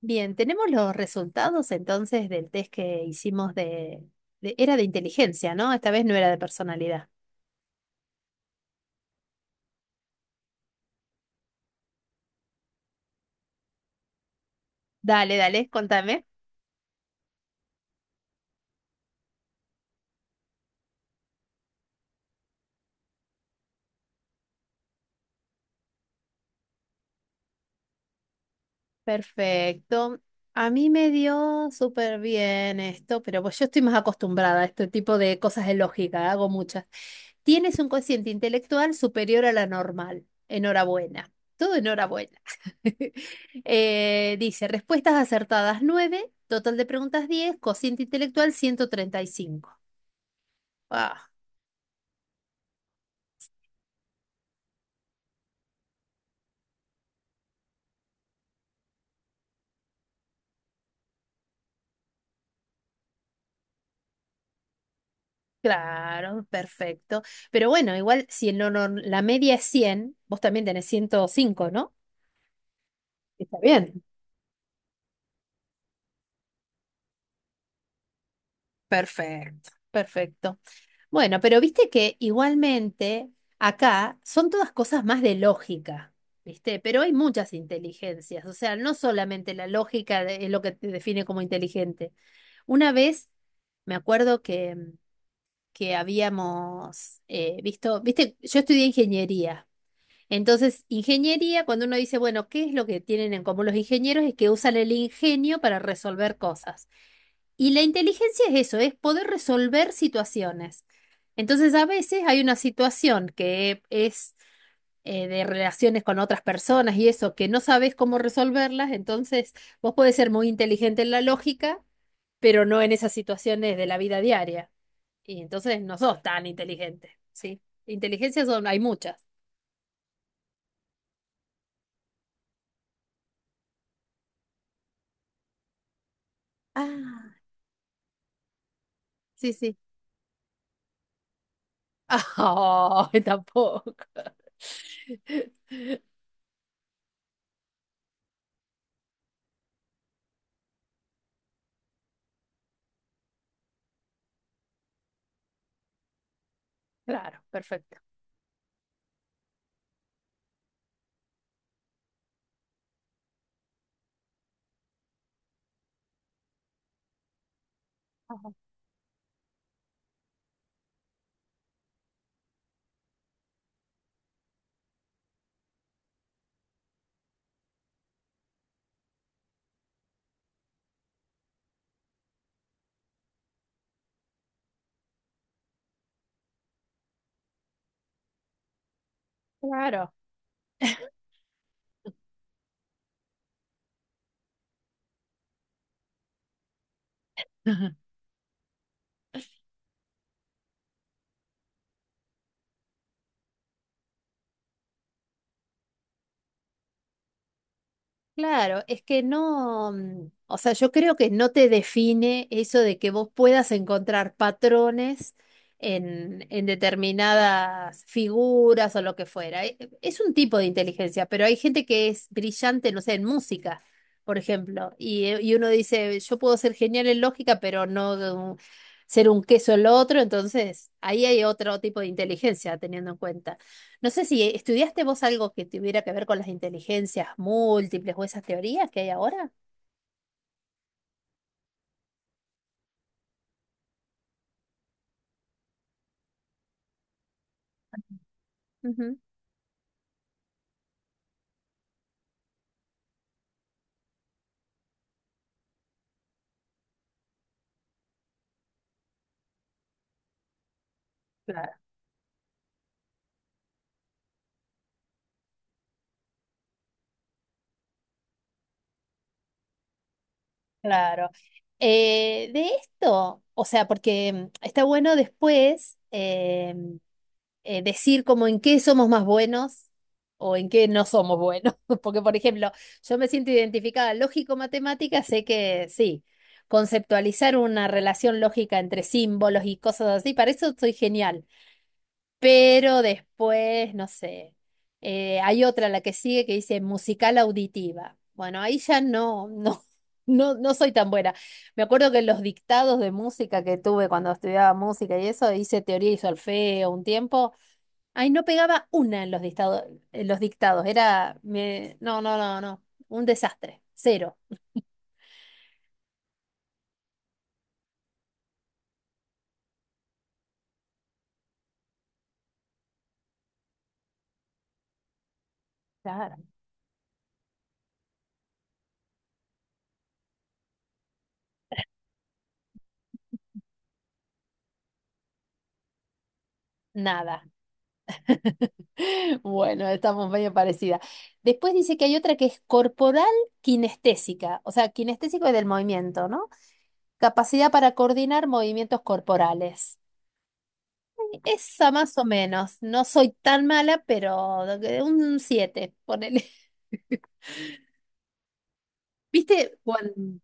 Bien, tenemos los resultados entonces del test que hicimos Era de inteligencia, ¿no? Esta vez no era de personalidad. Dale, dale, contame. Perfecto. A mí me dio súper bien esto, pero pues yo estoy más acostumbrada a este tipo de cosas de lógica, hago muchas. Tienes un cociente intelectual superior a la normal. Enhorabuena. Todo enhorabuena. Dice, respuestas acertadas 9, total de preguntas 10, cociente intelectual 135. Ah, claro, perfecto. Pero bueno, igual si en lo nor- la media es 100, vos también tenés 105, ¿no? Está bien. Perfecto, perfecto. Bueno, pero viste que igualmente acá son todas cosas más de lógica, ¿viste? Pero hay muchas inteligencias, o sea, no solamente la lógica es lo que te define como inteligente. Una vez me acuerdo que, que habíamos visto, viste, yo estudié ingeniería. Entonces, ingeniería, cuando uno dice, bueno, ¿qué es lo que tienen en común los ingenieros? Es que usan el ingenio para resolver cosas. Y la inteligencia es eso, es poder resolver situaciones. Entonces, a veces hay una situación que es de relaciones con otras personas y eso, que no sabes cómo resolverlas, entonces vos podés ser muy inteligente en la lógica, pero no en esas situaciones de la vida diaria. Y entonces no sos tan inteligente, ¿sí? Inteligencias son, hay muchas. Ah, sí, sí. Ay, tampoco. Claro, perfecto. Ajá. Claro. Claro, es que no, o sea, yo creo que no te define eso de que vos puedas encontrar patrones en determinadas figuras o lo que fuera. Es un tipo de inteligencia, pero hay gente que es brillante, no sé, en música, por ejemplo, y uno dice, yo puedo ser genial en lógica, pero no ser un queso el otro, entonces ahí hay otro tipo de inteligencia teniendo en cuenta. No sé si estudiaste vos algo que tuviera que ver con las inteligencias múltiples o esas teorías que hay ahora. Ujú. Claro. Claro. De esto, o sea, porque está bueno después decir como en qué somos más buenos o en qué no somos buenos. Porque, por ejemplo, yo me siento identificada lógico-matemática, sé que sí, conceptualizar una relación lógica entre símbolos y cosas así, para eso soy genial. Pero después, no sé, hay otra, la que sigue, que dice musical auditiva. Bueno, ahí ya no, no, no, no soy tan buena. Me acuerdo que en los dictados de música que tuve cuando estudiaba música y eso, hice teoría y solfeo un tiempo. Ay, no pegaba una en los dictados, en los dictados. Era, no, no, no, no, un desastre, cero, Claro. Nada. Bueno, estamos medio parecidas. Después dice que hay otra que es corporal kinestésica, o sea, kinestésico es del movimiento, ¿no? Capacidad para coordinar movimientos corporales. Esa más o menos. No soy tan mala, pero un siete, ponele. ¿Viste? ¿Juan?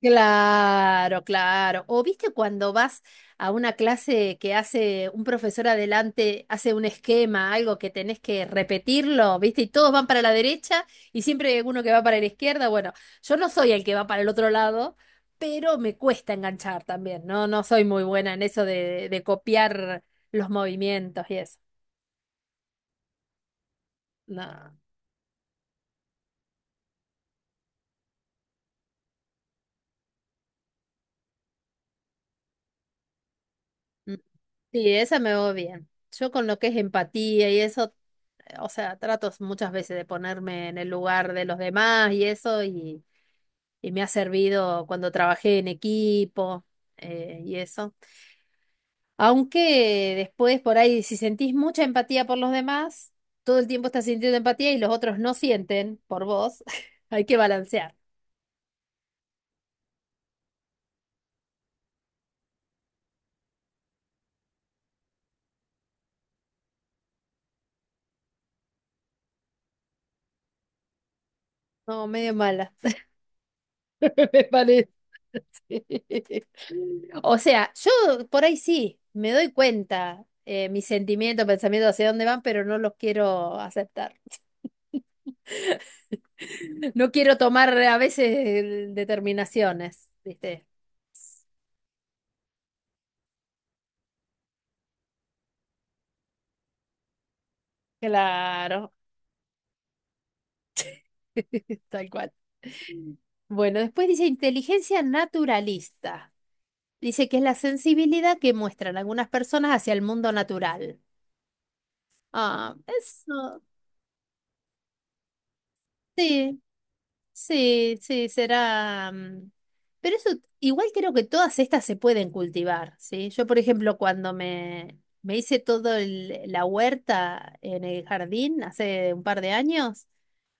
Claro, claro. O viste cuando vas a una clase que hace un profesor adelante, hace un esquema, algo que tenés que repetirlo, viste, y todos van para la derecha y siempre hay uno que va para la izquierda. Bueno, yo no soy el que va para el otro lado, pero me cuesta enganchar también, ¿no? No soy muy buena en eso de copiar los movimientos y eso. No. Mm. Sí, esa me va bien. Yo con lo que es empatía y eso o sea, trato muchas veces de ponerme en el lugar de los demás y eso, y me ha servido cuando trabajé en equipo y eso. Aunque después por ahí, si sentís mucha empatía por los demás, todo el tiempo estás sintiendo empatía y los otros no sienten por vos, hay que balancear. No, medio mala, me parece. Sí. O sea, yo por ahí sí, me doy cuenta mis sentimientos, pensamientos hacia dónde van, pero no los quiero aceptar. No quiero tomar a veces determinaciones, ¿viste? Claro, tal cual. Bueno, después dice inteligencia naturalista. Dice que es la sensibilidad que muestran algunas personas hacia el mundo natural. Ah, eso sí, sí, sí, será. Pero eso, igual creo que todas estas se pueden cultivar, ¿sí? Yo, por ejemplo, cuando me hice todo la huerta en el jardín hace un par de años,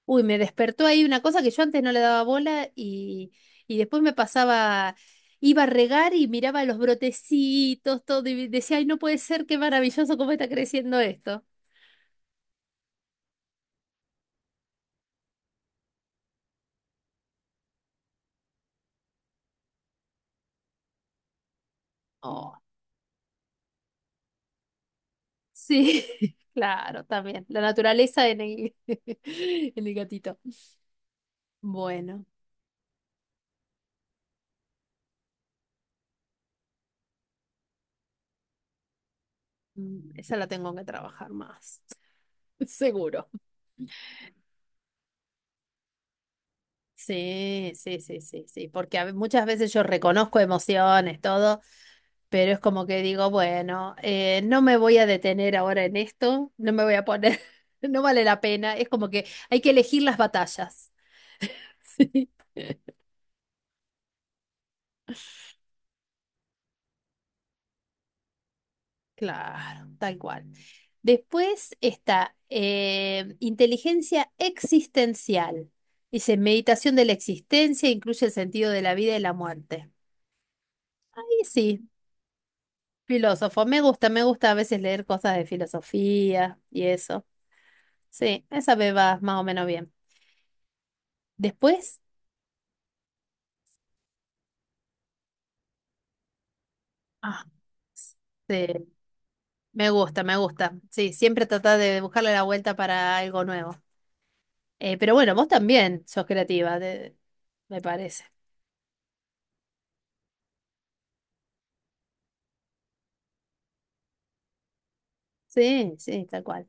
uy, me despertó ahí una cosa que yo antes no le daba bola y después me pasaba, iba a regar y miraba los brotecitos, todo, y decía, ay, no puede ser, qué maravilloso cómo está creciendo esto. Sí, claro, también. La naturaleza en el, en el gatito. Bueno, esa la tengo que trabajar más, seguro. Sí, sí, sí, sí, sí, porque muchas veces yo reconozco emociones, todo, pero es como que digo, bueno, no me voy a detener ahora en esto, no me voy a poner, no vale la pena, es como que hay que elegir las batallas. Claro, tal cual. Después está inteligencia existencial. Dice, meditación de la existencia incluye el sentido de la vida y la muerte. Y sí, filósofo. Me gusta a veces leer cosas de filosofía y eso. Sí, esa me va más o menos bien. Después, ah, sí, me gusta, me gusta. Sí, siempre tratar de buscarle la vuelta para algo nuevo. Pero bueno, vos también sos creativa, me parece. Sí, sí, tal cual.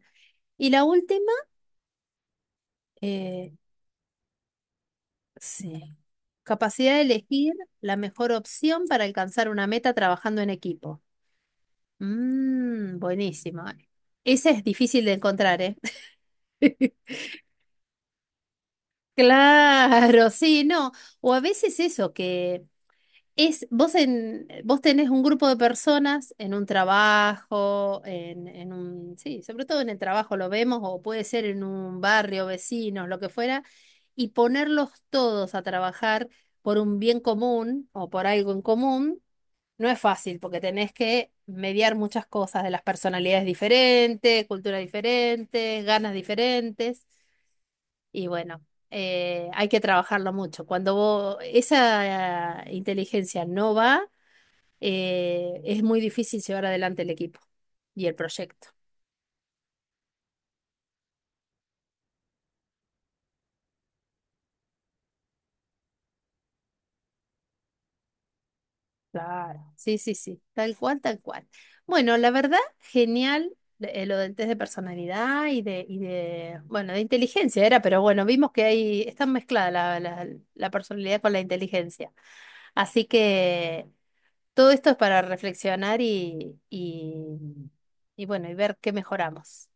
Y la última, eh, sí, capacidad de elegir la mejor opción para alcanzar una meta trabajando en equipo. Mmm, buenísimo. Ese es difícil de encontrar, ¿eh? Claro, sí, no. O a veces eso, en, vos tenés un grupo de personas en un trabajo, en, sí, sobre todo en el trabajo lo vemos, o puede ser en un barrio, vecinos, lo que fuera, y ponerlos todos a trabajar por un bien común o por algo en común, no es fácil, porque tenés que mediar muchas cosas de las personalidades diferentes, culturas diferentes, ganas diferentes, y bueno hay que trabajarlo mucho. Cuando esa inteligencia no va, es muy difícil llevar adelante el equipo y el proyecto. Claro. Sí, sí, sí, tal cual, tal cual. Bueno, la verdad, genial lo del test de personalidad y de, bueno, de inteligencia era, pero bueno, vimos que ahí está mezclada la personalidad con la inteligencia. Así que todo esto es para reflexionar y bueno, y ver qué mejoramos.